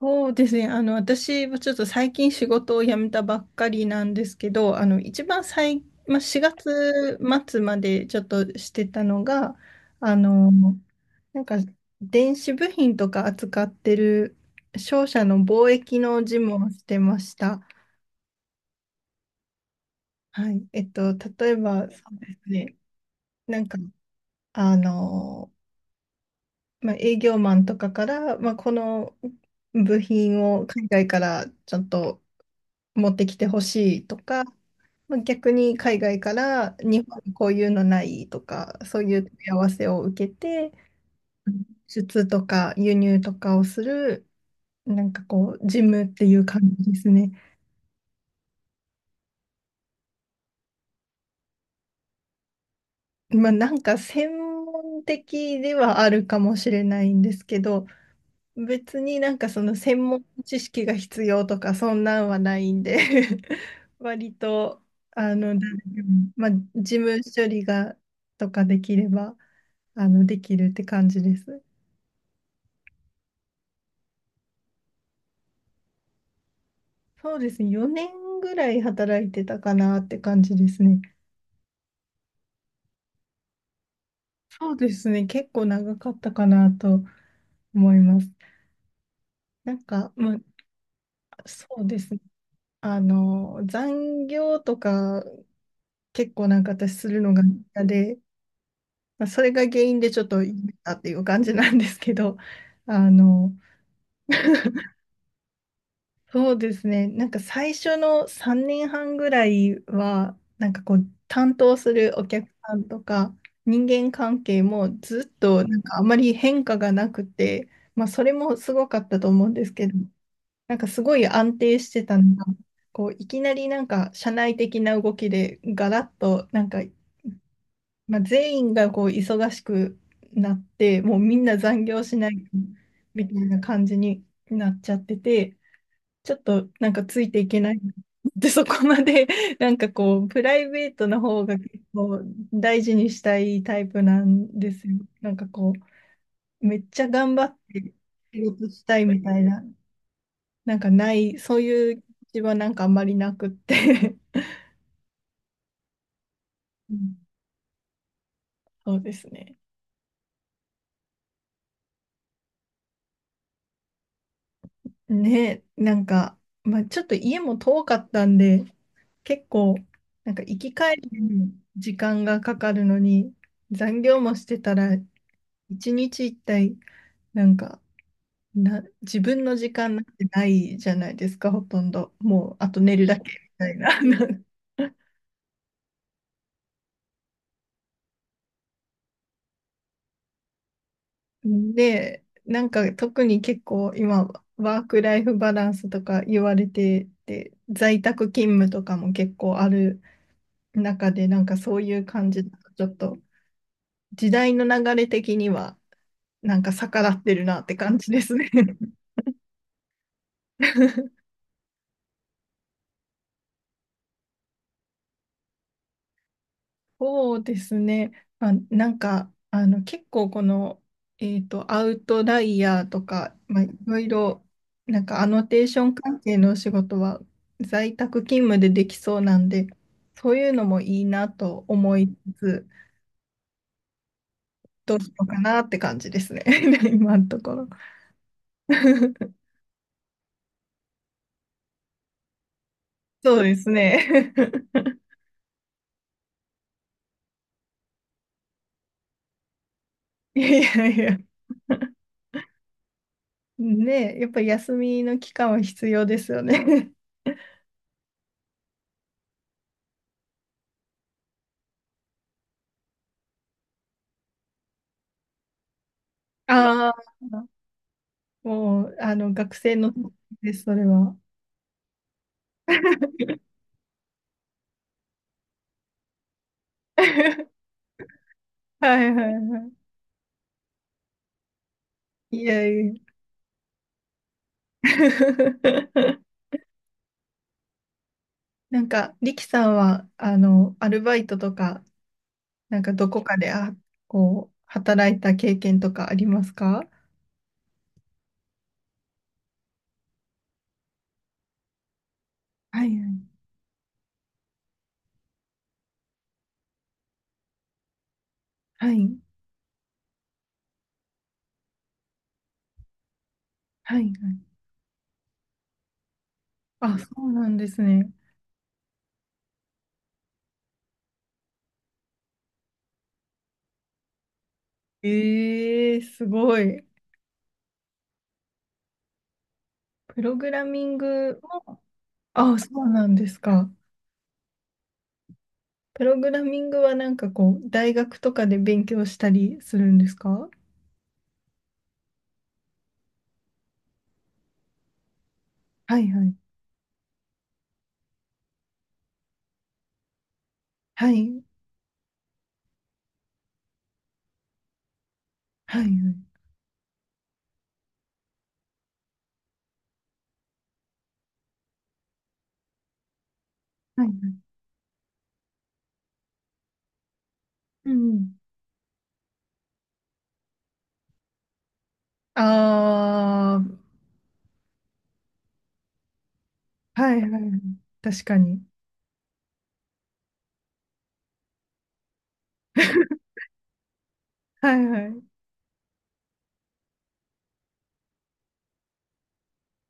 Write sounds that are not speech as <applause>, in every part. そうですね。私はちょっと最近仕事を辞めたばっかりなんですけど、あの、一番最、まあ、4月末までちょっとしてたのが、あの、なんか、電子部品とか扱ってる商社の貿易の事務をしてました。はい。例えば、そうですね。なんか、あの、まあ、営業マンとかから、まあ、この部品を海外からちょっと持ってきてほしいとか、まあ逆に海外から日本にこういうのないとか、そういう問い合わせを受けて、輸出とか輸入とかをする、なんかこう、事務っていう感じですね。まあなんか専門的ではあるかもしれないんですけど、別になんかその専門知識が必要とかそんなんはないんで <laughs> 割と誰でもまあ、事務処理がとかできればできるって感じです。そうですね、4年ぐらい働いてたかなって感じですね。そうですね、結構長かったかなと思います。なんか、まあ、そうですね、残業とか結構なんか私するのが嫌で。まあそれが原因でちょっといっっていう感じなんですけど、あの、そうですね、なんか最初の3年半ぐらいは、なんかこう、担当するお客さんとか、人間関係もずっとなんかあまり変化がなくて、まあ、それもすごかったと思うんですけど、なんかすごい安定してたのが、こういきなりなんか社内的な動きでガラッとなんかまあ、全員がこう忙しくなって、もうみんな残業しないみたいな感じになっちゃってて、ちょっとなんかついていけないなってそこまで <laughs> なんかこう、プライベートの方が結構大事にしたいタイプなんですよ。なんかこう、めっちゃ頑張って仕事したいみたいな、なんかない、そういう気持ちはなんかあんまりなくってうん <laughs> そうですね。ね、なんか、まあ、ちょっと家も遠かったんで、結構、なんか行き帰りに時間がかかるのに、残業もしてたら、一日一体、なんか、な、自分の時間なんてないじゃないですか、ほとんど。もう、あと寝るだけみたいな。<laughs> で、なんか特に結構今、ワークライフバランスとか言われてて、在宅勤務とかも結構ある中で、なんかそういう感じだと、ちょっと時代の流れ的にはなんか逆らってるなって感じですね。<laughs> そうですね。まあ、なんか、結構この、アウトライヤーとか、まあ、いろいろ、なんかアノテーション関係のお仕事は在宅勤務でできそうなんで、そういうのもいいなと思いつつ、どうしようかなって感じですね。<laughs> 今のところ。<laughs> そうですね。<laughs> いやいやいや。ねえ、やっぱり休みの期間は必要ですよね。ああ、<laughs> もう、学生の時です、それは。<laughs> はいはいはい。いやいや。<laughs> なんか、リキさんは、アルバイトとか、なんかどこかで、あ、こう、働いた経験とかありますか？はいはいはいはいはい。あ、そうなんですね。ええすごい。プログラミングも、あ、そうなんですか。プログラミングはなんかこう、大学とかで勉強したりするんですか？はいはい。はい。はいはい。はいはい。うんうん。ああ、はいはいはい。確かに。<laughs> はいは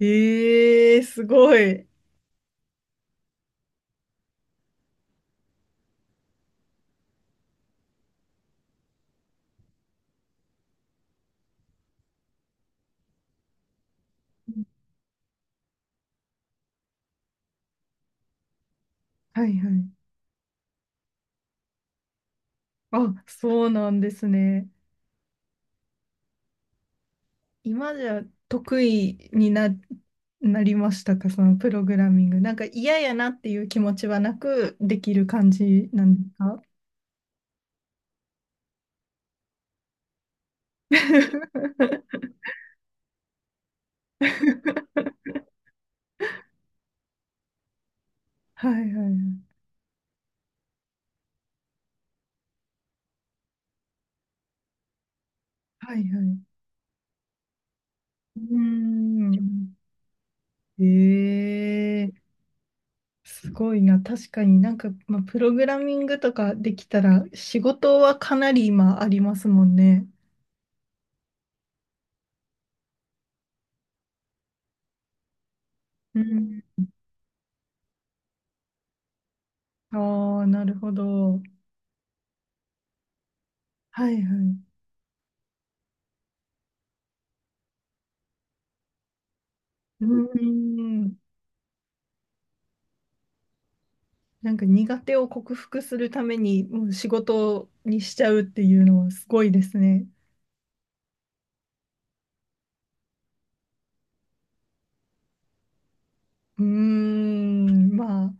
い。ええすごい。はいはい。あ、そうなんですね。今じゃ得意になりましたか、そのプログラミング？なんか嫌やなっていう気持ちはなくできる感じなんですか？ <laughs> はいはいはい。はいはい。うーん。ええすごいな。確かになんか、まあ、プログラミングとかできたら仕事はかなり今ありますもんね。うん。ああ、なるほど。はいはい。うーん。なんか苦手を克服するためにもう仕事にしちゃうっていうのはすごいですね。うーん。まあ。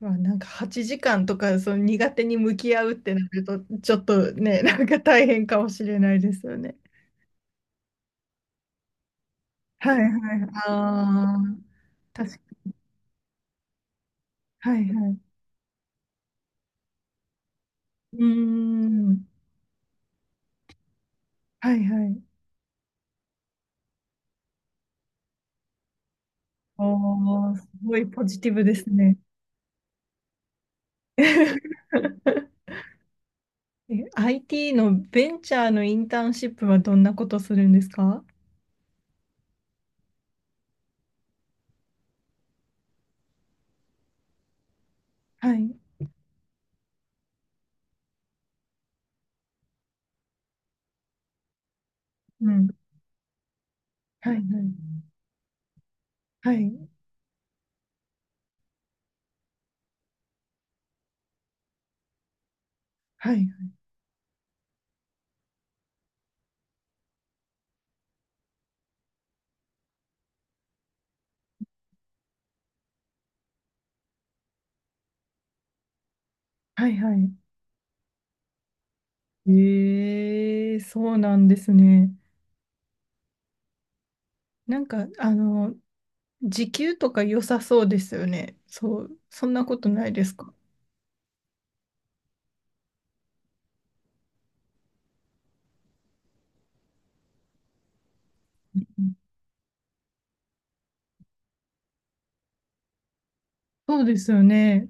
まあ、なんか8時間とかその苦手に向き合うってなるとちょっとねなんか大変かもしれないですよね。はいはい。ああ、確かに。はいはい。うーん。はいはい。おー、すごいポジティブですね。<laughs> え IT のベンチャーのインターンシップはどんなことするんですか？はい。うん。はいはい。はいはい。はいはい。ええそうなんですね。なんか、時給とか良さそうですよね。そう、そんなことないですか？うんそうですよね。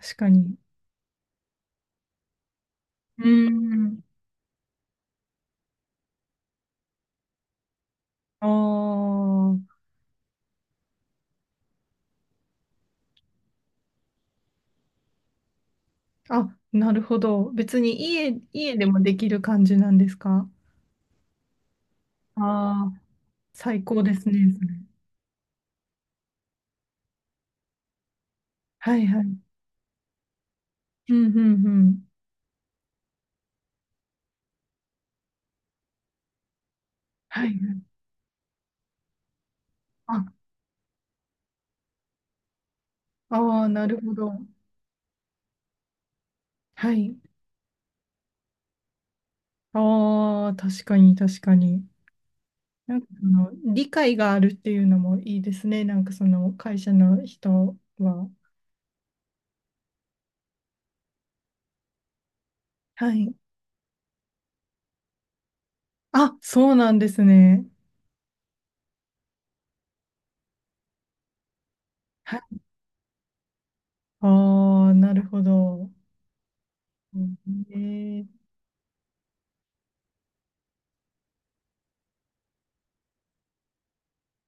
確かに。うん。ああ。あ、なるほど。別に家でもできる感じなんですか？ああー、最高ですね。それはいはい。うんうんうん。はい。あ、ああ、なるほど。はい。ああ、確かに確かに。なんかその理解があるっていうのもいいですね。なんかその会社の人は。はい。あ、そうなんですね。はい。ああ、なるほど。うんえー